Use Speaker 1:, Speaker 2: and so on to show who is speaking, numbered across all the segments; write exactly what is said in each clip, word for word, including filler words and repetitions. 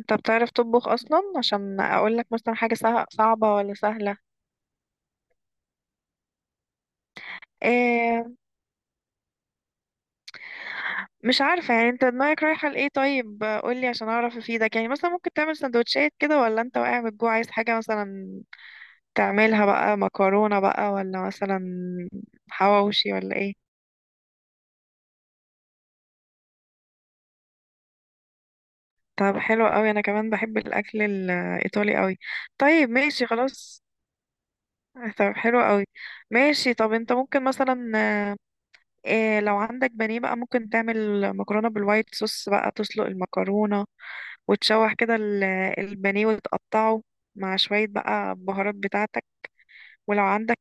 Speaker 1: انت بتعرف تطبخ اصلا؟ عشان اقول لك مثلا حاجه سه- صعبه ولا سهله. إيه، مش عارفه يعني انت دماغك رايحه لايه. طيب قول لي عشان اعرف افيدك، يعني مثلا ممكن تعمل سندوتشات كده، ولا انت واقع من الجوع عايز حاجه مثلا، تعملها بقى مكرونه بقى ولا مثلا حواوشي ولا ايه؟ طب حلو قوي، انا كمان بحب الاكل الايطالي قوي. طيب ماشي خلاص. طب حلو قوي. ماشي، طب انت ممكن مثلا، إيه، لو عندك بانيه بقى ممكن تعمل مكرونة بالوايت صوص. بقى تسلق المكرونة، وتشوح كده ال- البانيه وتقطعه مع شوية بقى البهارات بتاعتك. ولو عندك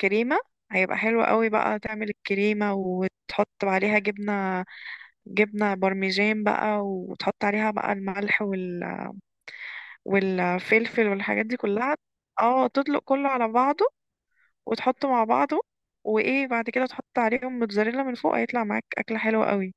Speaker 1: كريمة هيبقى حلو قوي، بقى تعمل الكريمة وتحط عليها جبنة جبنة بارميجان بقى، وتحط عليها بقى الملح وال... والفلفل والحاجات دي كلها. اه، تطلق كله على بعضه وتحطه مع بعضه، وايه بعد كده تحط عليهم موتزاريلا من فوق، هيطلع معاك أكلة حلوة قوي.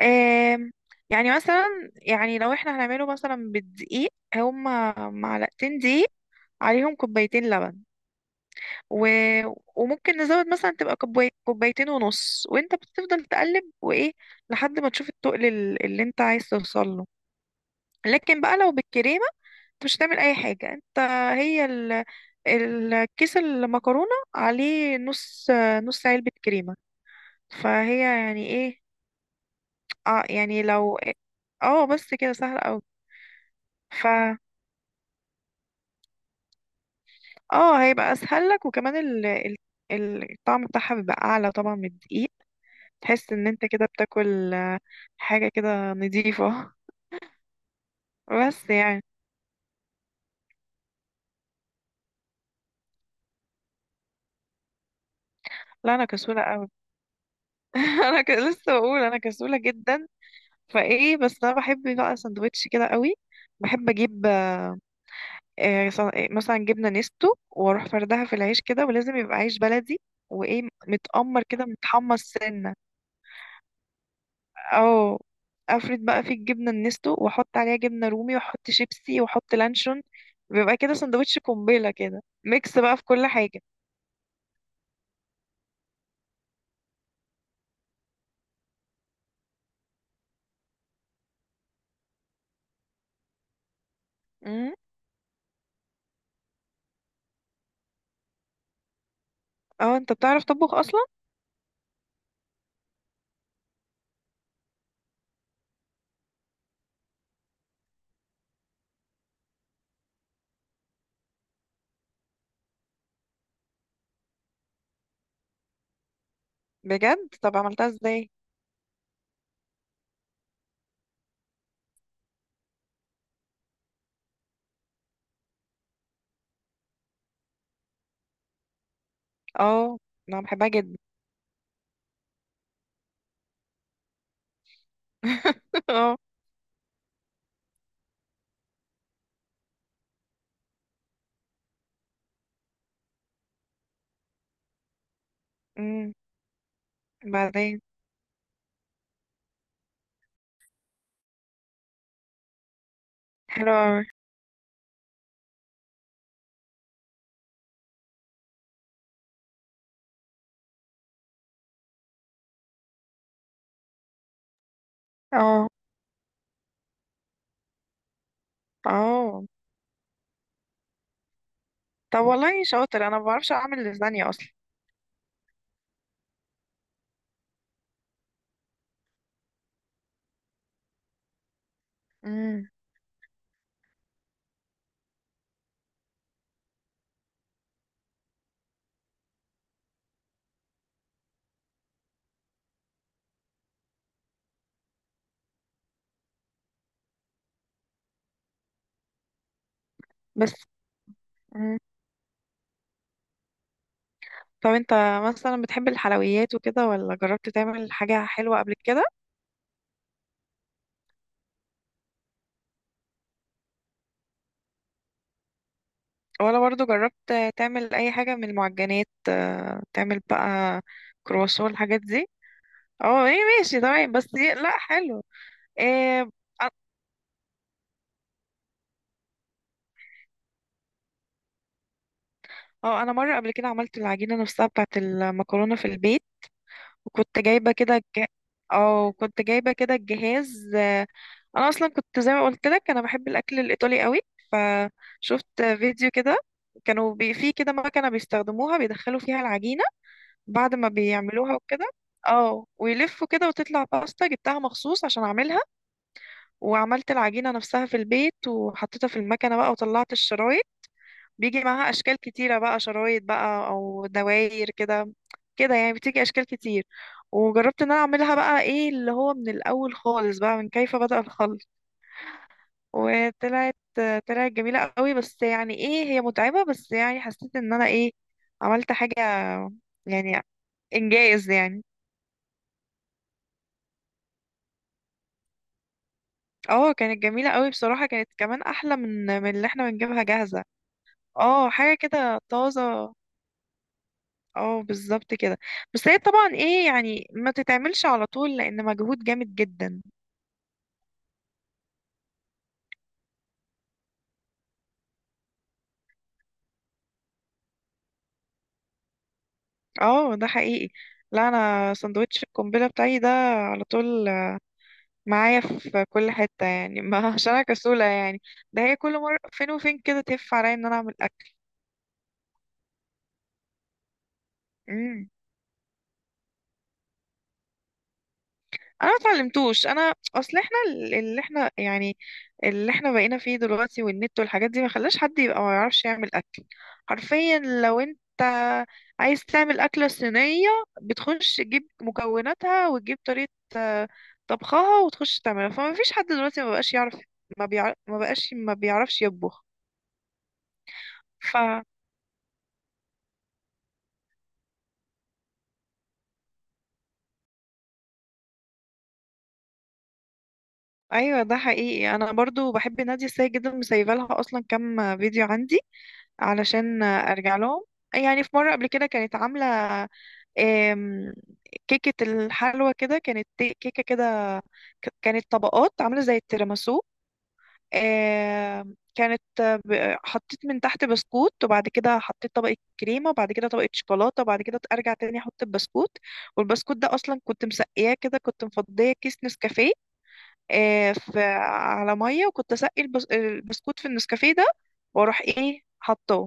Speaker 1: آم، يعني مثلا يعني لو احنا هنعمله مثلا بالدقيق، هما معلقتين دقيق عليهم كوبايتين لبن، و... وممكن نزود مثلا تبقى كوباي... كوبايتين ونص، وانت بتفضل تقلب وايه، لحد ما تشوف التقل ال- اللي انت عايز توصل له. لكن بقى لو بالكريمة انت مش هتعمل اي حاجة. انت هي ال... الكيس المكرونة عليه نص نص علبة كريمة، فهي يعني ايه. اه يعني لو، اه بس كده سهل قوي. اه، هيبقى اسهل لك، وكمان ال... ال... ال- الطعم بتاعها بيبقى اعلى طبعا من الدقيق. تحس ان انت كده بتاكل آه، حاجه كده نظيفه. بس يعني، لا انا كسوله قوي. انا ك... لسه بقول انا كسوله جدا. فايه، بس انا بحب بقى سندوتش كده قوي. بحب اجيب، آه، ص- آه، مثلا جبنه نستو، واروح فردها في العيش كده، ولازم يبقى عيش بلدي. وايه، متأمر كده متحمص سنه. اه، افرد بقى في الجبنه النستو، واحط عليها جبنه رومي، واحط شيبسي، واحط لانشون. بيبقى كده سندوتش قنبله، كده ميكس بقى في كل حاجه. امم اه، انت بتعرف تطبخ اصلا؟ بجد؟ طب عملتها ازاي؟ اه، انا بحبها جدا. اه. امم. بعدين. حلو أوي. اه. اه. طب والله شاطر، انا ما بعرفش اعمل لازانيا اصلا. امم. بس. امم. طب انت مثلا بتحب الحلويات وكده، ولا جربت تعمل حاجه حلوه قبل كده؟ ولا برضو جربت تعمل اي حاجة من المعجنات؟ آه، تعمل بقى كرواسون، الحاجات دي. اه ايه، ماشي تمام. بس دي- لا، حلو. إيه. اه، انا مرة قبل كده عملت العجينة نفسها بتاعة المكرونة في البيت. وكنت جايبة كده الج- اه كنت جايبة كده الجهاز، آه، انا اصلا كنت زي ما قلت لك، انا بحب الاكل الايطالي قوي. فشفت فيديو كده، كانوا بي- في كده مكنة بيستخدموها، بيدخلوا فيها العجينة بعد ما بيعملوها وكده. اه، ويلفوا كده وتطلع باستا. جبتها مخصوص عشان اعملها، وعملت العجينة نفسها في البيت، وحطيتها في المكنة بقى وطلعت الشرايط. بيجي معاها اشكال كتيرة بقى، شرايط بقى او دواير كده. كده يعني بتيجي اشكال كتير. وجربت ان انا اعملها بقى، ايه اللي هو من الاول خالص بقى، من كيف بدأ الخلق. وطلعت طلعت جميلة قوي، بس يعني ايه هي متعبة. بس يعني حسيت ان انا ايه، عملت حاجة يعني، انجاز يعني. اه، كانت جميلة قوي بصراحة. كانت كمان أحلى من من اللي احنا بنجيبها جاهزة. اه، حاجة كده طازة. اه بالظبط كده. بس هي طبعا ايه يعني، ما تتعملش على طول لأن مجهود جامد جدا. اه، ده حقيقي. لا، أنا سندوتش القنبلة بتاعي ده على طول معايا في كل حتة يعني. ما عشان أنا كسولة يعني. ده هي كل مرة فين وفين كده تهف عليا إن أنا أعمل أكل. مم. انا ما اتعلمتوش. انا اصل احنا ال- اللي احنا يعني اللي احنا بقينا فيه دلوقتي والنت والحاجات دي، ما خلاش حد يبقى ما يعرفش يعمل اكل. حرفيا لو انت عايز تعمل اكله صينيه، بتخش تجيب مكوناتها وتجيب طريقه آه، طبخها وتخش تعملها، فما فيش حد دلوقتي ما بقاش يعرف. ما بيعرف، ما بقاش ما بيعرفش يطبخ. ف. ايوه، ده حقيقي. انا برضو بحب نادية السيد جدا، مسيبه لها اصلا كام فيديو عندي علشان ارجع لهم. يعني في مرة قبل كده كانت عاملة آم، كيكة الحلوى كده، كانت تي- كيكة كده ك- كانت طبقات عاملة زي التيراميسو. آم، كانت ب- حطيت من تحت بسكوت، وبعد كده حطيت طبقة كريمة، وبعد كده طبقة شوكولاتة، وبعد كده أرجع تاني أحط البسكوت. والبسكوت ده أصلا كنت مسقياه كده، كنت مفضية كيس نسكافيه آه، في على مية، وكنت أسقي البس- البسكوت في النسكافيه ده، وأروح إيه، حطه.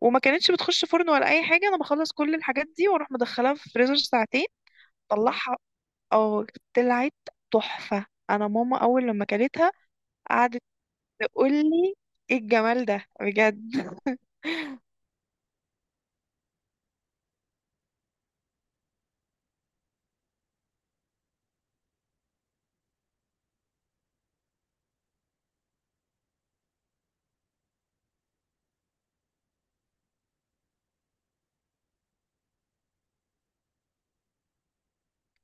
Speaker 1: وما كانتش بتخش فرن ولا اي حاجه. انا بخلص كل الحاجات دي واروح مدخلها في فريزر ساعتين. طلعها، اه طلعت تحفه. انا ماما اول لما كلتها قعدت تقول لي ايه الجمال ده بجد.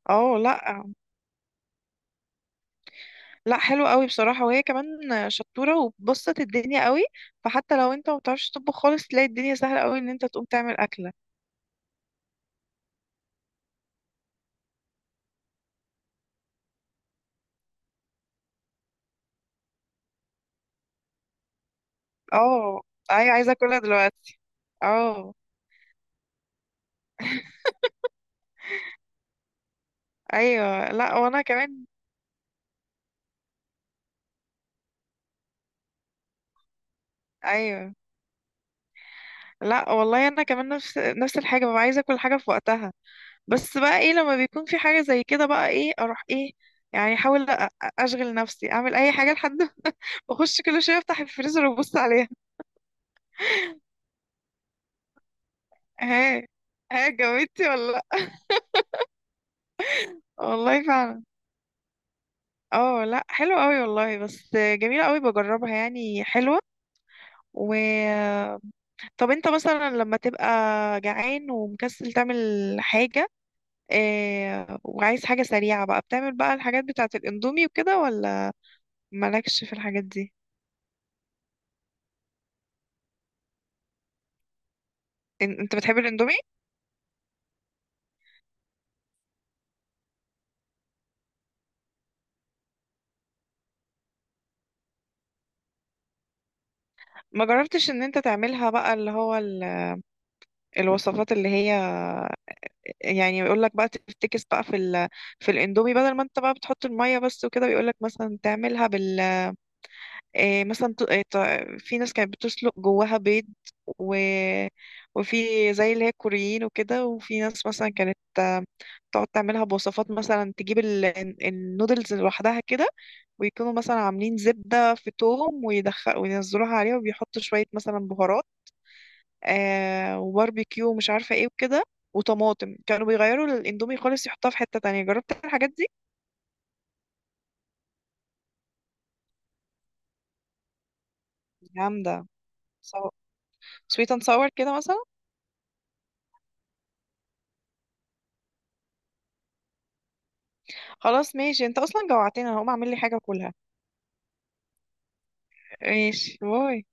Speaker 1: اه، لا لا حلو قوي بصراحه. وهي كمان شطوره وبسطت الدنيا قوي. فحتى لو انت ما بتعرفش تطبخ خالص، تلاقي الدنيا سهله قوي ان انت تقوم تعمل اكله. اه ايوه، عايزه اكلها دلوقتي. اه ايوه، لا وانا كمان. ايوه لا، والله انا كمان نفس نفس الحاجه، ببقى عايزه كل حاجه في وقتها. بس بقى ايه لما بيكون في حاجه زي كده بقى، ايه اروح ايه يعني، احاول أ- أ- اشغل نفسي، اعمل اي حاجه لحد ما، اخش كل شويه افتح الفريزر وابص عليها. ها، ها جاوبتي ولا لا؟ والله فعلا. اه لا، حلو قوي والله، بس جميله قوي بجربها يعني حلوه. و، طب انت مثلا لما تبقى جعان ومكسل تعمل حاجه، إيه، وعايز حاجه سريعه بقى، بتعمل بقى الحاجات بتاعه الاندومي وكده، ولا مالكش في الحاجات دي؟ إن- انت بتحب الاندومي؟ ما جربتش ان انت تعملها بقى اللي هو ال- الوصفات اللي هي، يعني يقول لك بقى تفتكس بقى في ال... في الاندومي بدل ما انت بقى بتحط الميه بس وكده. بيقول لك مثلا تعملها بال، إيه مثلا ت... إيه ت... في ناس كانت بتسلق جواها بيض، و... وفي زي اللي هي الكوريين وكده، وفي ناس مثلا كانت تقعد تعملها بوصفات، مثلا تجيب ال... النودلز لوحدها كده، ويكونوا مثلا عاملين زبدة في توم، ويدخل وينزلوها عليها، وبيحطوا شوية مثلا بهارات، آه وباربيكيو ومش عارفة ايه وكده وطماطم، كانوا بيغيروا الاندومي خالص يحطها في حتة تانية. جربت الحاجات دي؟ جامدة، سويت اند ساور كده مثلا. خلاص ماشي، انت اصلا جوعتني، انا هقوم اعمل لي حاجة اكلها. ماشي، باي.